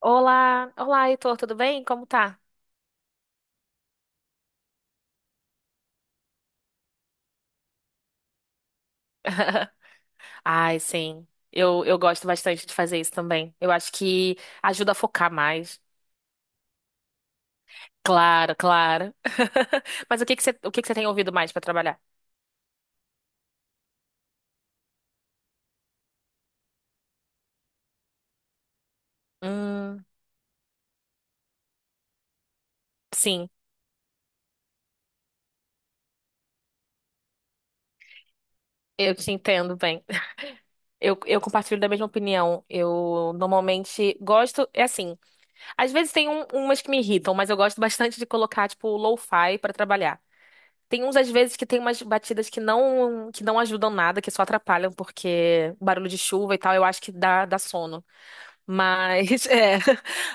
Olá, olá, Heitor, tudo bem? Como tá? Ai, sim. Eu gosto bastante de fazer isso também. Eu acho que ajuda a focar mais. Claro, claro. Mas o que que você tem ouvido mais para trabalhar? Hum, sim, eu te entendo bem. Eu compartilho da mesma opinião. Eu normalmente gosto, é assim, às vezes tem umas que me irritam, mas eu gosto bastante de colocar, tipo, lo-fi para trabalhar. Tem uns, às vezes, que tem umas batidas que não ajudam nada, que só atrapalham, porque barulho de chuva e tal, eu acho que dá sono. Mas, é.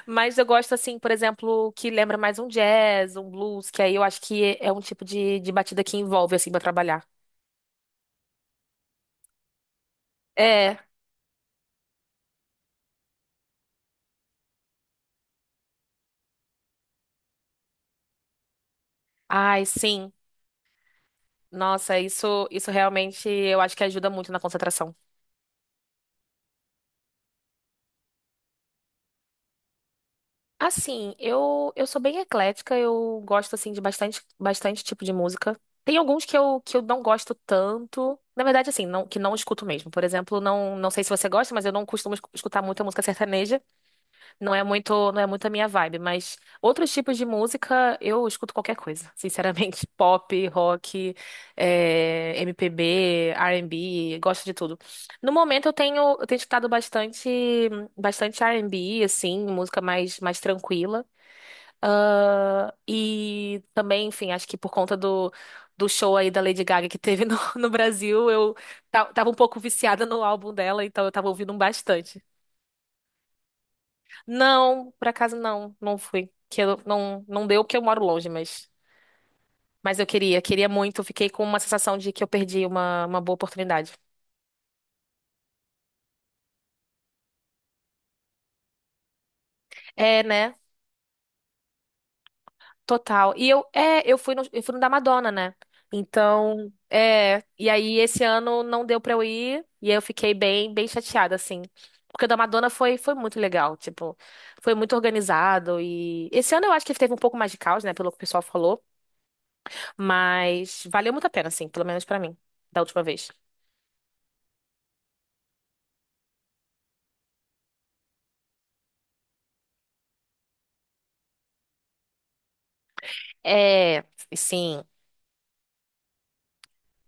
Mas eu gosto, assim, por exemplo, que lembra mais um jazz, um blues, que aí eu acho que é um tipo de batida que envolve, assim, pra trabalhar. É. Ai, sim. Nossa, isso realmente eu acho que ajuda muito na concentração. Assim, eu sou bem eclética, eu gosto assim de bastante tipo de música. Tem alguns que eu não gosto tanto. Na verdade, assim, não, que não escuto mesmo. Por exemplo, não, não sei se você gosta, mas eu não costumo escutar muita música sertaneja. Não é muito a minha vibe, mas outros tipos de música eu escuto qualquer coisa. Sinceramente, pop, rock, MPB, R&B, gosto de tudo. No momento eu tenho escutado bastante, bastante R&B, assim, música mais, mais tranquila. Ah, e também, enfim, acho que por conta do show aí da Lady Gaga que teve no, no Brasil, eu tava um pouco viciada no álbum dela, então eu tava ouvindo bastante. Não, por acaso não, não fui. Que eu, não, não deu porque eu moro longe, mas eu queria, queria muito. Fiquei com uma sensação de que eu perdi uma boa oportunidade. É, né? Total. E eu, é, eu fui no da Madonna, né? Então, é, e aí esse ano não deu pra eu ir, e aí eu fiquei bem, bem chateada, assim. Porque o da Madonna foi, foi muito legal, tipo, foi muito organizado e esse ano eu acho que teve um pouco mais de caos, né, pelo que o pessoal falou, mas valeu muito a pena, assim, pelo menos pra mim, da última vez. É, sim.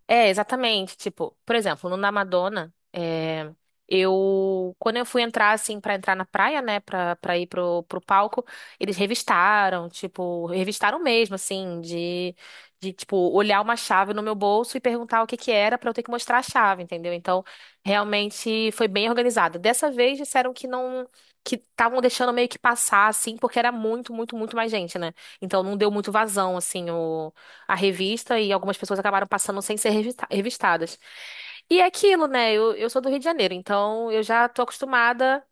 É, exatamente. Tipo, por exemplo, no na Madonna, é, eu quando eu fui entrar assim pra entrar na praia, né, Pra para ir pro, pro palco, eles revistaram, tipo, revistaram mesmo assim, de tipo olhar uma chave no meu bolso e perguntar o que que era pra eu ter que mostrar a chave, entendeu? Então, realmente foi bem organizado. Dessa vez disseram que não que estavam deixando meio que passar assim, porque era muito, muito, muito mais gente, né? Então não deu muito vazão assim a revista e algumas pessoas acabaram passando sem ser revistadas. E é aquilo, né? Eu sou do Rio de Janeiro, então eu já tô acostumada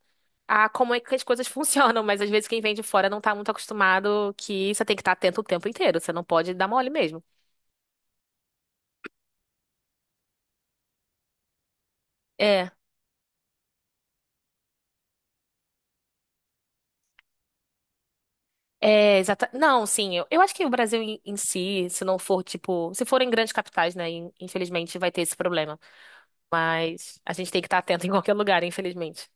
a como é que as coisas funcionam, mas às vezes quem vem de fora não tá muito acostumado que você tem que estar atento o tempo inteiro, você não pode dar mole mesmo. É. É, exata. Não, sim, eu acho que o Brasil em si, se não for, tipo, se for em grandes capitais, né, infelizmente vai ter esse problema. Mas a gente tem que estar atento em qualquer lugar, infelizmente.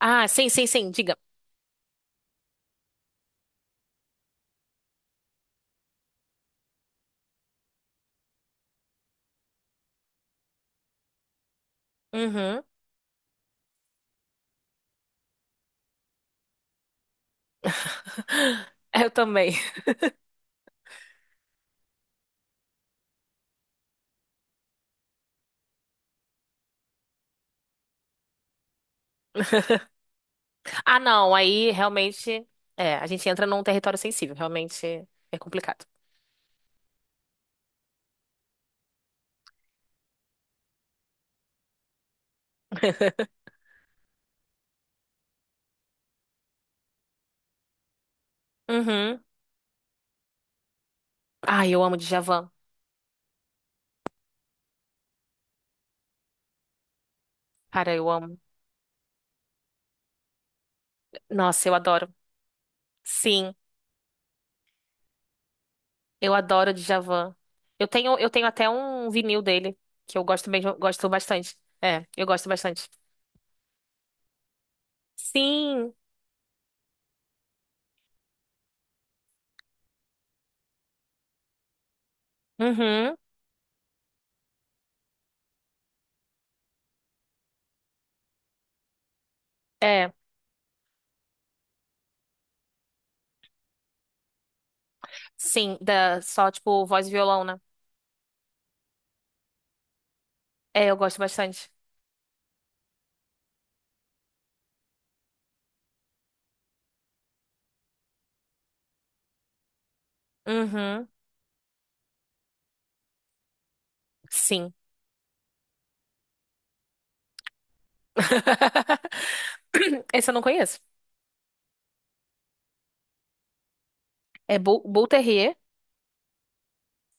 Ah, sim, sim, sim, diga. Uhum. Eu também. Ah, não, aí realmente é, a gente entra num território sensível, realmente é complicado. Uhum. Ah, eu amo Djavan. Cara, eu amo. Nossa, eu adoro. Sim, eu adoro Djavan. Eu tenho até um vinil dele, que eu gosto mesmo, gosto bastante. É, eu gosto bastante. Sim. Uhum. É, sim, da só tipo voz e violão, né? É, eu gosto bastante. Uhum. Sim. Esse eu não conheço. É Bull,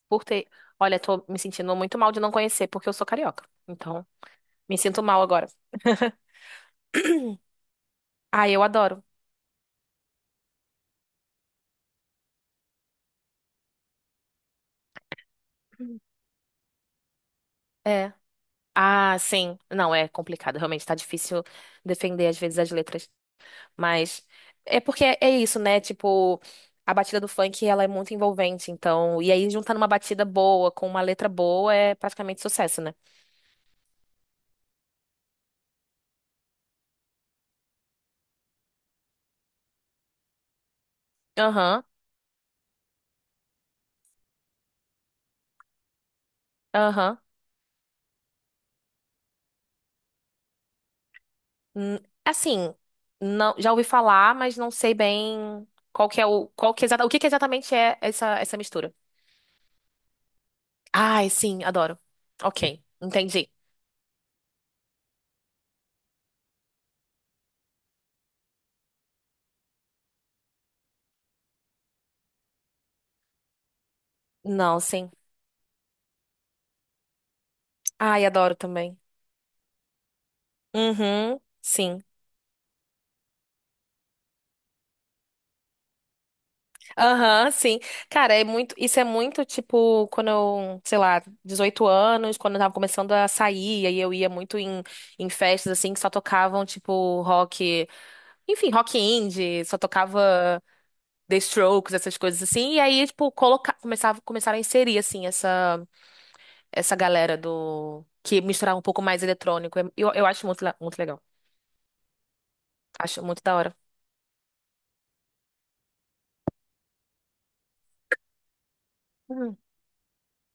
Por ter. Olha, tô me sentindo muito mal de não conhecer, porque eu sou carioca. Então, me sinto mal agora. Ah, eu adoro. É. Ah, sim. Não, é complicado. Realmente tá difícil defender, às vezes, as letras. Mas é porque é isso, né? Tipo, a batida do funk, ela é muito envolvente. Então, e aí juntando uma batida boa com uma letra boa é praticamente sucesso, né? Aham, aham. Hum, Assim, não, já ouvi falar, mas não sei bem qual que é o que que exatamente é essa mistura. Ai, sim, adoro. Ok, entendi. Não, sim. Ai, adoro também. Uhum, sim. Aham, sim. Cara, é muito, isso é muito tipo quando eu, sei lá, 18 anos, quando eu tava começando a sair, aí eu ia muito em festas assim que só tocavam tipo rock, enfim, rock indie, só tocava The Strokes, essas coisas assim. E aí, tipo, colocar, começava, começaram a inserir, assim, essa galera do... Que misturava um pouco mais eletrônico. Eu acho muito, muito legal. Acho muito da hora. Hum.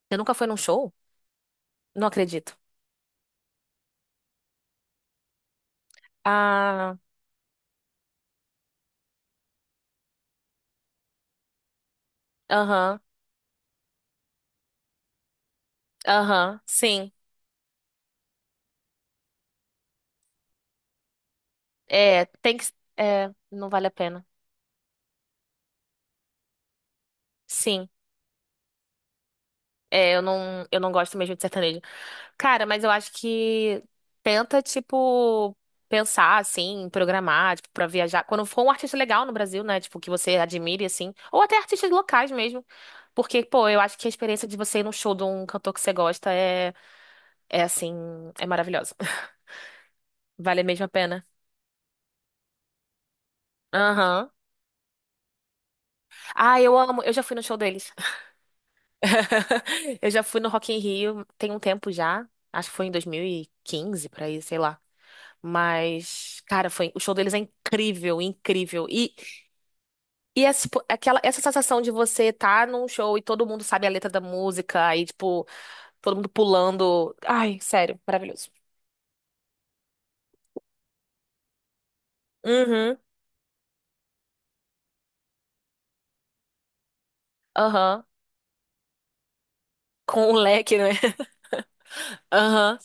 Você nunca foi num show? Não acredito. Ah, aham, aham, sim. É, tem que... É, não vale a pena. Sim. É, eu não gosto mesmo de sertanejo. Cara, mas eu acho que tenta, tipo, pensar, assim, programar, tipo, pra viajar. Quando for um artista legal no Brasil, né? Tipo, que você admire, assim. Ou até artistas locais mesmo. Porque, pô, eu acho que a experiência de você ir num show de um cantor que você gosta é assim, é maravilhosa. Vale mesmo a pena. Aham. Ah, eu amo. Eu já fui no show deles. Eu já fui no Rock in Rio tem um tempo já. Acho que foi em 2015 por ir, sei lá. Mas, cara, foi, o show deles é incrível, incrível. E, e essa, tipo, aquela, essa sensação de você estar num show e todo mundo sabe a letra da música, aí, tipo, todo mundo pulando. Ai, sério, maravilhoso. Uhum, aham. Com o leque, né? Aham.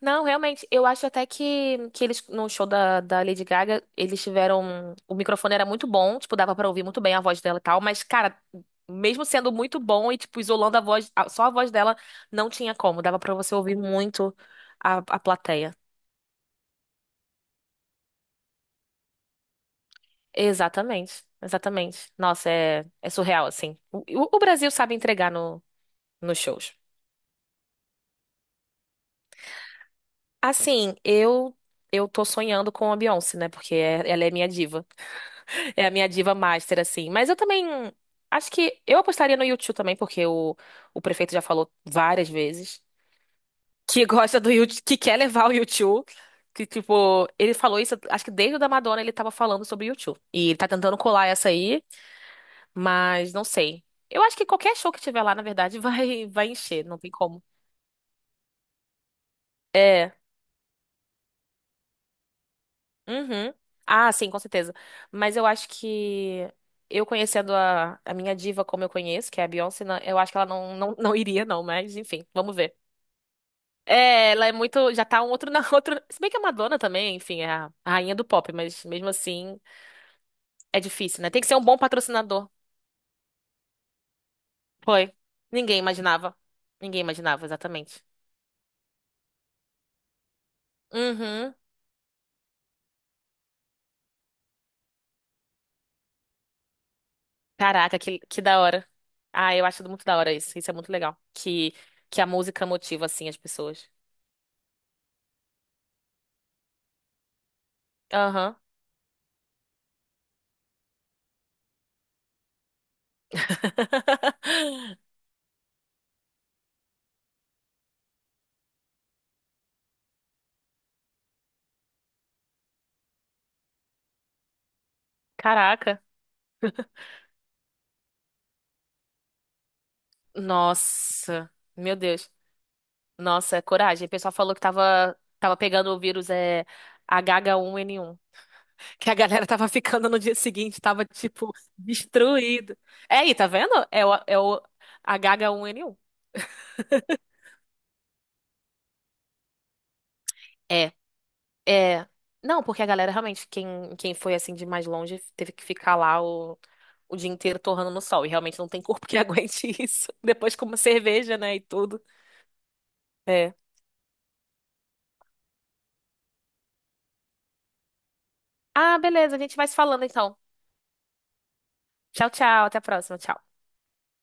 Não, realmente, eu acho até que eles, no show da Lady Gaga, eles tiveram. O microfone era muito bom, tipo, dava pra ouvir muito bem a voz dela e tal, mas, cara, mesmo sendo muito bom e, tipo, isolando a voz, só a voz dela, não tinha como, dava pra você ouvir muito a plateia. Exatamente, exatamente. Nossa, é, é surreal, assim. O Brasil sabe entregar no, nos shows. Assim, eu tô sonhando com a Beyoncé, né? Porque é- ela é minha diva. É a minha diva master, assim. Mas eu também acho que eu apostaria no U2 também, porque o prefeito já falou várias vezes que gosta do U2, que quer levar o U2. Que, tipo, ele falou isso, acho que desde o da Madonna ele tava falando sobre o U2. E ele tá tentando colar essa aí. Mas não sei. Eu acho que qualquer show que tiver lá, na verdade, vai, vai encher, não tem como. É. Uhum. Ah, sim, com certeza. Mas eu acho que eu conhecendo a minha diva como eu conheço, que é a Beyoncé, na- eu acho que ela não, não, não iria, não, mas enfim, vamos ver. É, ela é muito. Já tá um outro na outra. Se bem que a Madonna também, enfim, é a rainha do pop, mas mesmo assim é difícil, né? Tem que ser um bom patrocinador. Foi. Ninguém imaginava. Ninguém imaginava, exatamente. Uhum. Caraca, que da hora. Ah, eu acho muito da hora isso. Isso é muito legal. Que a música motiva, assim, as pessoas. Aham. Caraca. Nossa. Meu Deus. Nossa, é coragem. O pessoal falou que tava pegando o vírus é, H1N1. Que a galera tava ficando no dia seguinte, tava, tipo, destruído. É aí, tá vendo? É o H1N1. É. É. Não, porque a galera realmente, quem foi assim de mais longe, teve que ficar lá o dia inteiro torrando no sol. E realmente não tem corpo que aguente isso. Depois como cerveja, né, e tudo. É. Ah, beleza, a gente vai se falando então. Tchau, tchau, até a próxima, tchau.